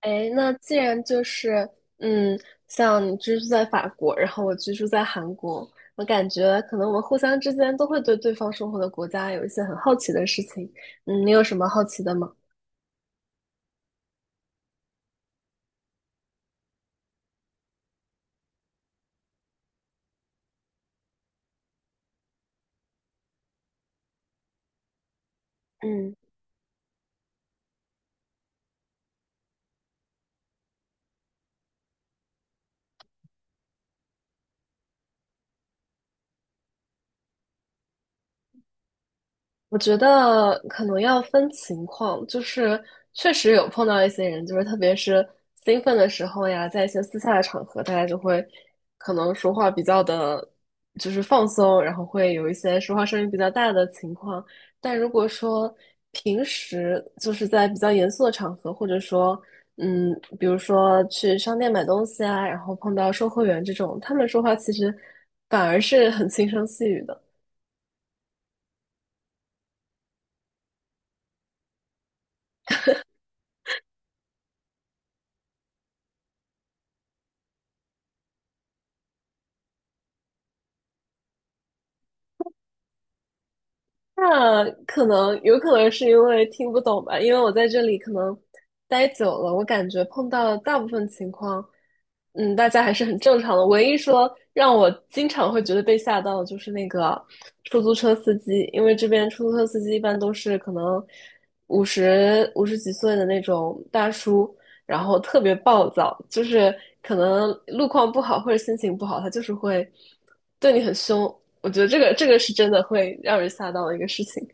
哎，那既然就是，嗯，像你居住在法国，然后我居住在韩国，我感觉可能我们互相之间都会对对方生活的国家有一些很好奇的事情。嗯，你有什么好奇的吗？嗯。我觉得可能要分情况，确实有碰到一些人，就是特别是兴奋的时候呀，在一些私下的场合，大家就会可能说话比较的，就是放松，然后会有一些说话声音比较大的情况。但如果说平时就是在比较严肃的场合，或者说嗯，比如说去商店买东西啊，然后碰到售货员这种，他们说话其实反而是很轻声细语的。那可能有可能是因为听不懂吧，因为我在这里可能待久了，我感觉碰到的大部分情况，嗯，大家还是很正常的。唯一说让我经常会觉得被吓到的，就是那个出租车司机，因为这边出租车司机一般都是可能五十几岁的那种大叔，然后特别暴躁，就是可能路况不好或者心情不好，他就是会对你很凶。我觉得这个是真的会让人吓到的一个事情。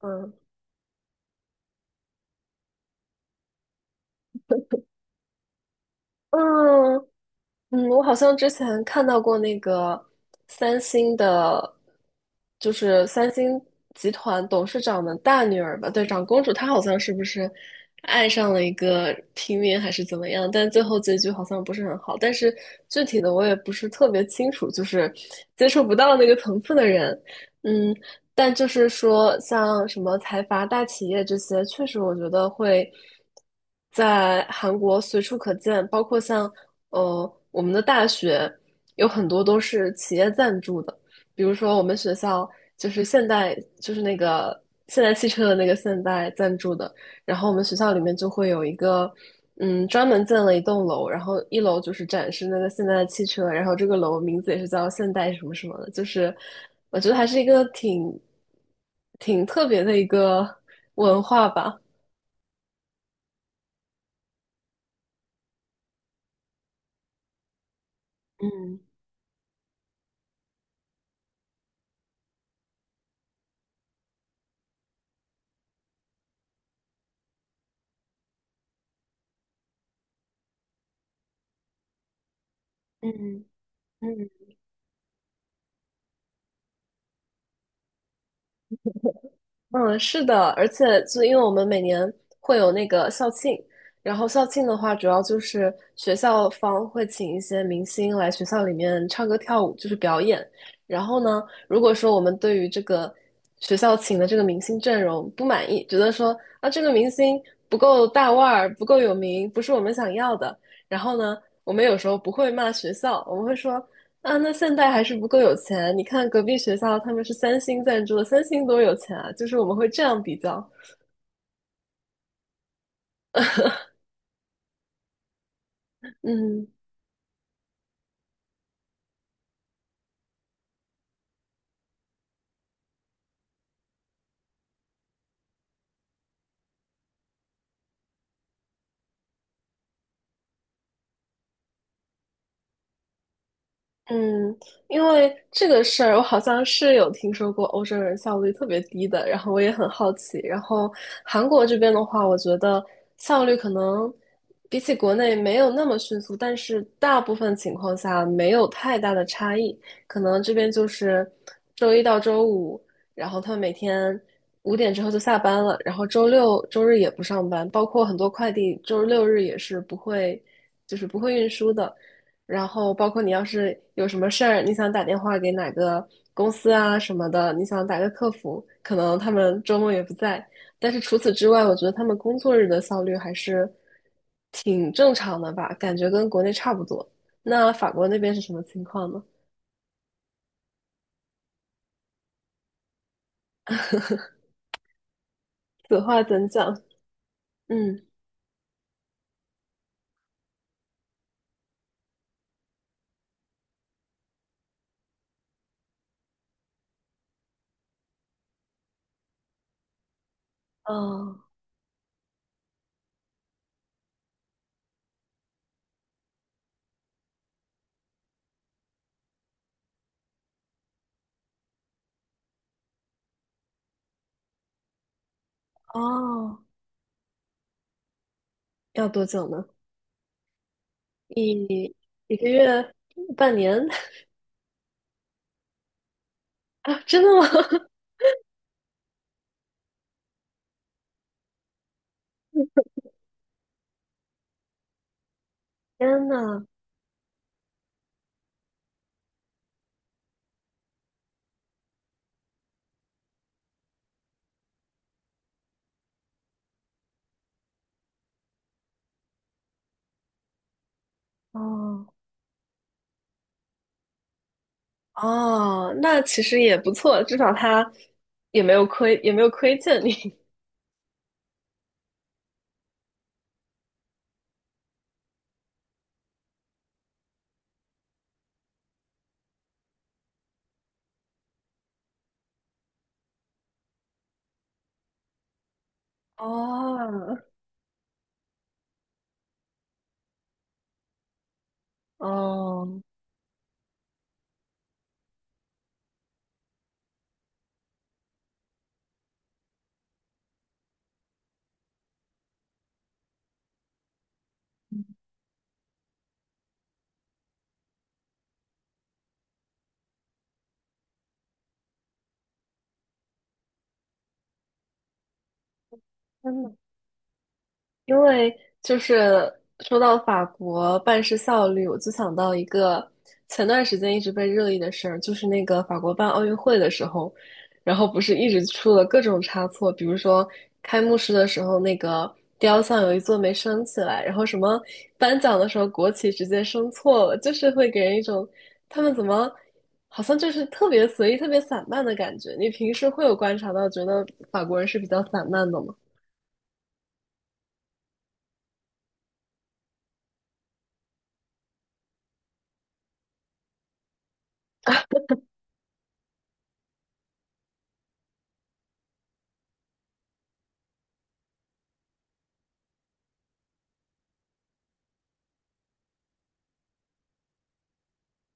嗯。嗯我好像之前看到过那个三星的，就是三星集团董事长的大女儿吧，对，长公主，她好像是不是爱上了一个平民还是怎么样？但最后结局好像不是很好。但是具体的我也不是特别清楚，就是接触不到那个层次的人。嗯，但就是说，像什么财阀大企业这些，确实我觉得会在韩国随处可见，包括像我们的大学有很多都是企业赞助的，比如说我们学校就是现代就是那个现代汽车的那个现代赞助的，然后我们学校里面就会有一个，嗯，专门建了一栋楼，然后一楼就是展示那个现代的汽车，然后这个楼名字也是叫现代什么什么的，就是我觉得还是一个挺特别的一个文化吧。嗯嗯。嗯。嗯，是的，而且就因为我们每年会有那个校庆，然后校庆的话，主要就是学校方会请一些明星来学校里面唱歌跳舞，就是表演。然后呢，如果说我们对于这个学校请的这个明星阵容不满意，觉得说啊这个明星不够大腕儿，不够有名，不是我们想要的，然后呢，我们有时候不会骂学校，我们会说啊，那现在还是不够有钱。你看隔壁学校，他们是三星赞助的，三星多有钱啊！就是我们会这样比较。嗯。嗯，因为这个事儿，我好像是有听说过欧洲人效率特别低的，然后我也很好奇。然后韩国这边的话，我觉得效率可能比起国内没有那么迅速，但是大部分情况下没有太大的差异。可能这边就是周一到周五，然后他们每天五点之后就下班了，然后周六周日也不上班，包括很多快递周六日也是不会，就是不会运输的。然后包括你要是有什么事儿，你想打电话给哪个公司啊什么的，你想打个客服，可能他们周末也不在。但是除此之外，我觉得他们工作日的效率还是挺正常的吧，感觉跟国内差不多。那法国那边是什么情况呢？此话怎讲？嗯。哦哦，要多久呢？一一个月、半年。 啊？真的吗？天呐。哦。哦，那其实也不错，至少他也没有亏欠你。哦。哦。真的因为就是说到法国办事效率，我就想到一个前段时间一直被热议的事儿，就是那个法国办奥运会的时候，然后不是一直出了各种差错，比如说开幕式的时候那个雕像有一座没升起来，然后什么颁奖的时候国旗直接升错了，就是会给人一种他们怎么好像就是特别随意、特别散漫的感觉。你平时会有观察到，觉得法国人是比较散漫的吗？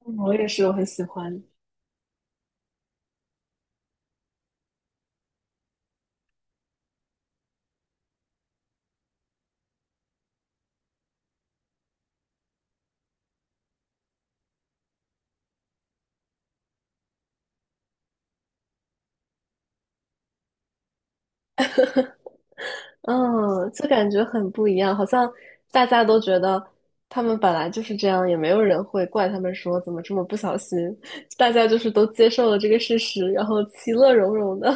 嗯我也是，我很喜欢。嗯，就感觉很不一样，好像大家都觉得他们本来就是这样，也没有人会怪他们说怎么这么不小心，大家就是都接受了这个事实，然后其乐融融的。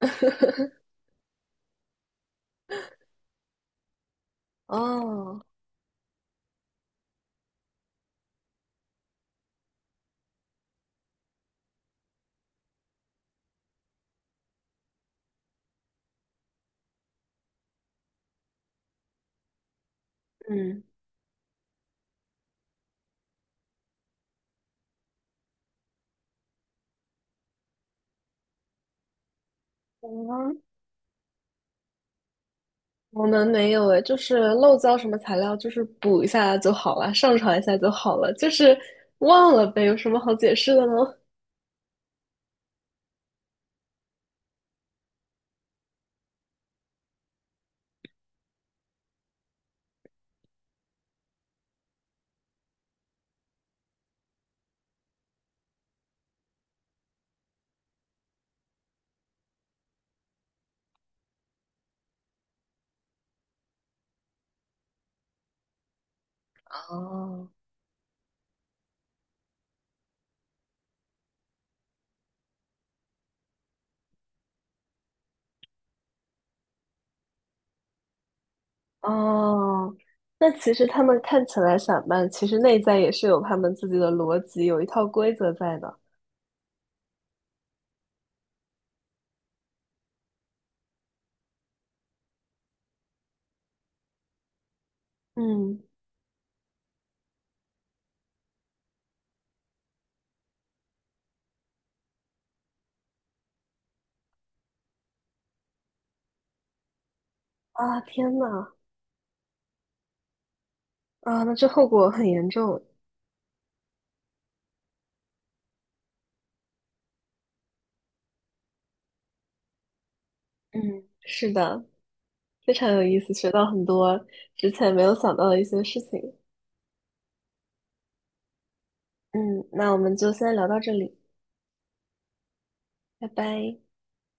哦。嗯，我们我们没有诶，就是漏交什么材料，就是补一下就好了，上传一下就好了，就是忘了呗，有什么好解释的呢？哦。哦，那其实他们看起来散漫，其实内在也是有他们自己的逻辑，有一套规则在的。嗯。啊，天呐，啊，那这后果很严重。嗯，是的，非常有意思，学到很多之前没有想到的一些事情。嗯，那我们就先聊到这里，拜拜。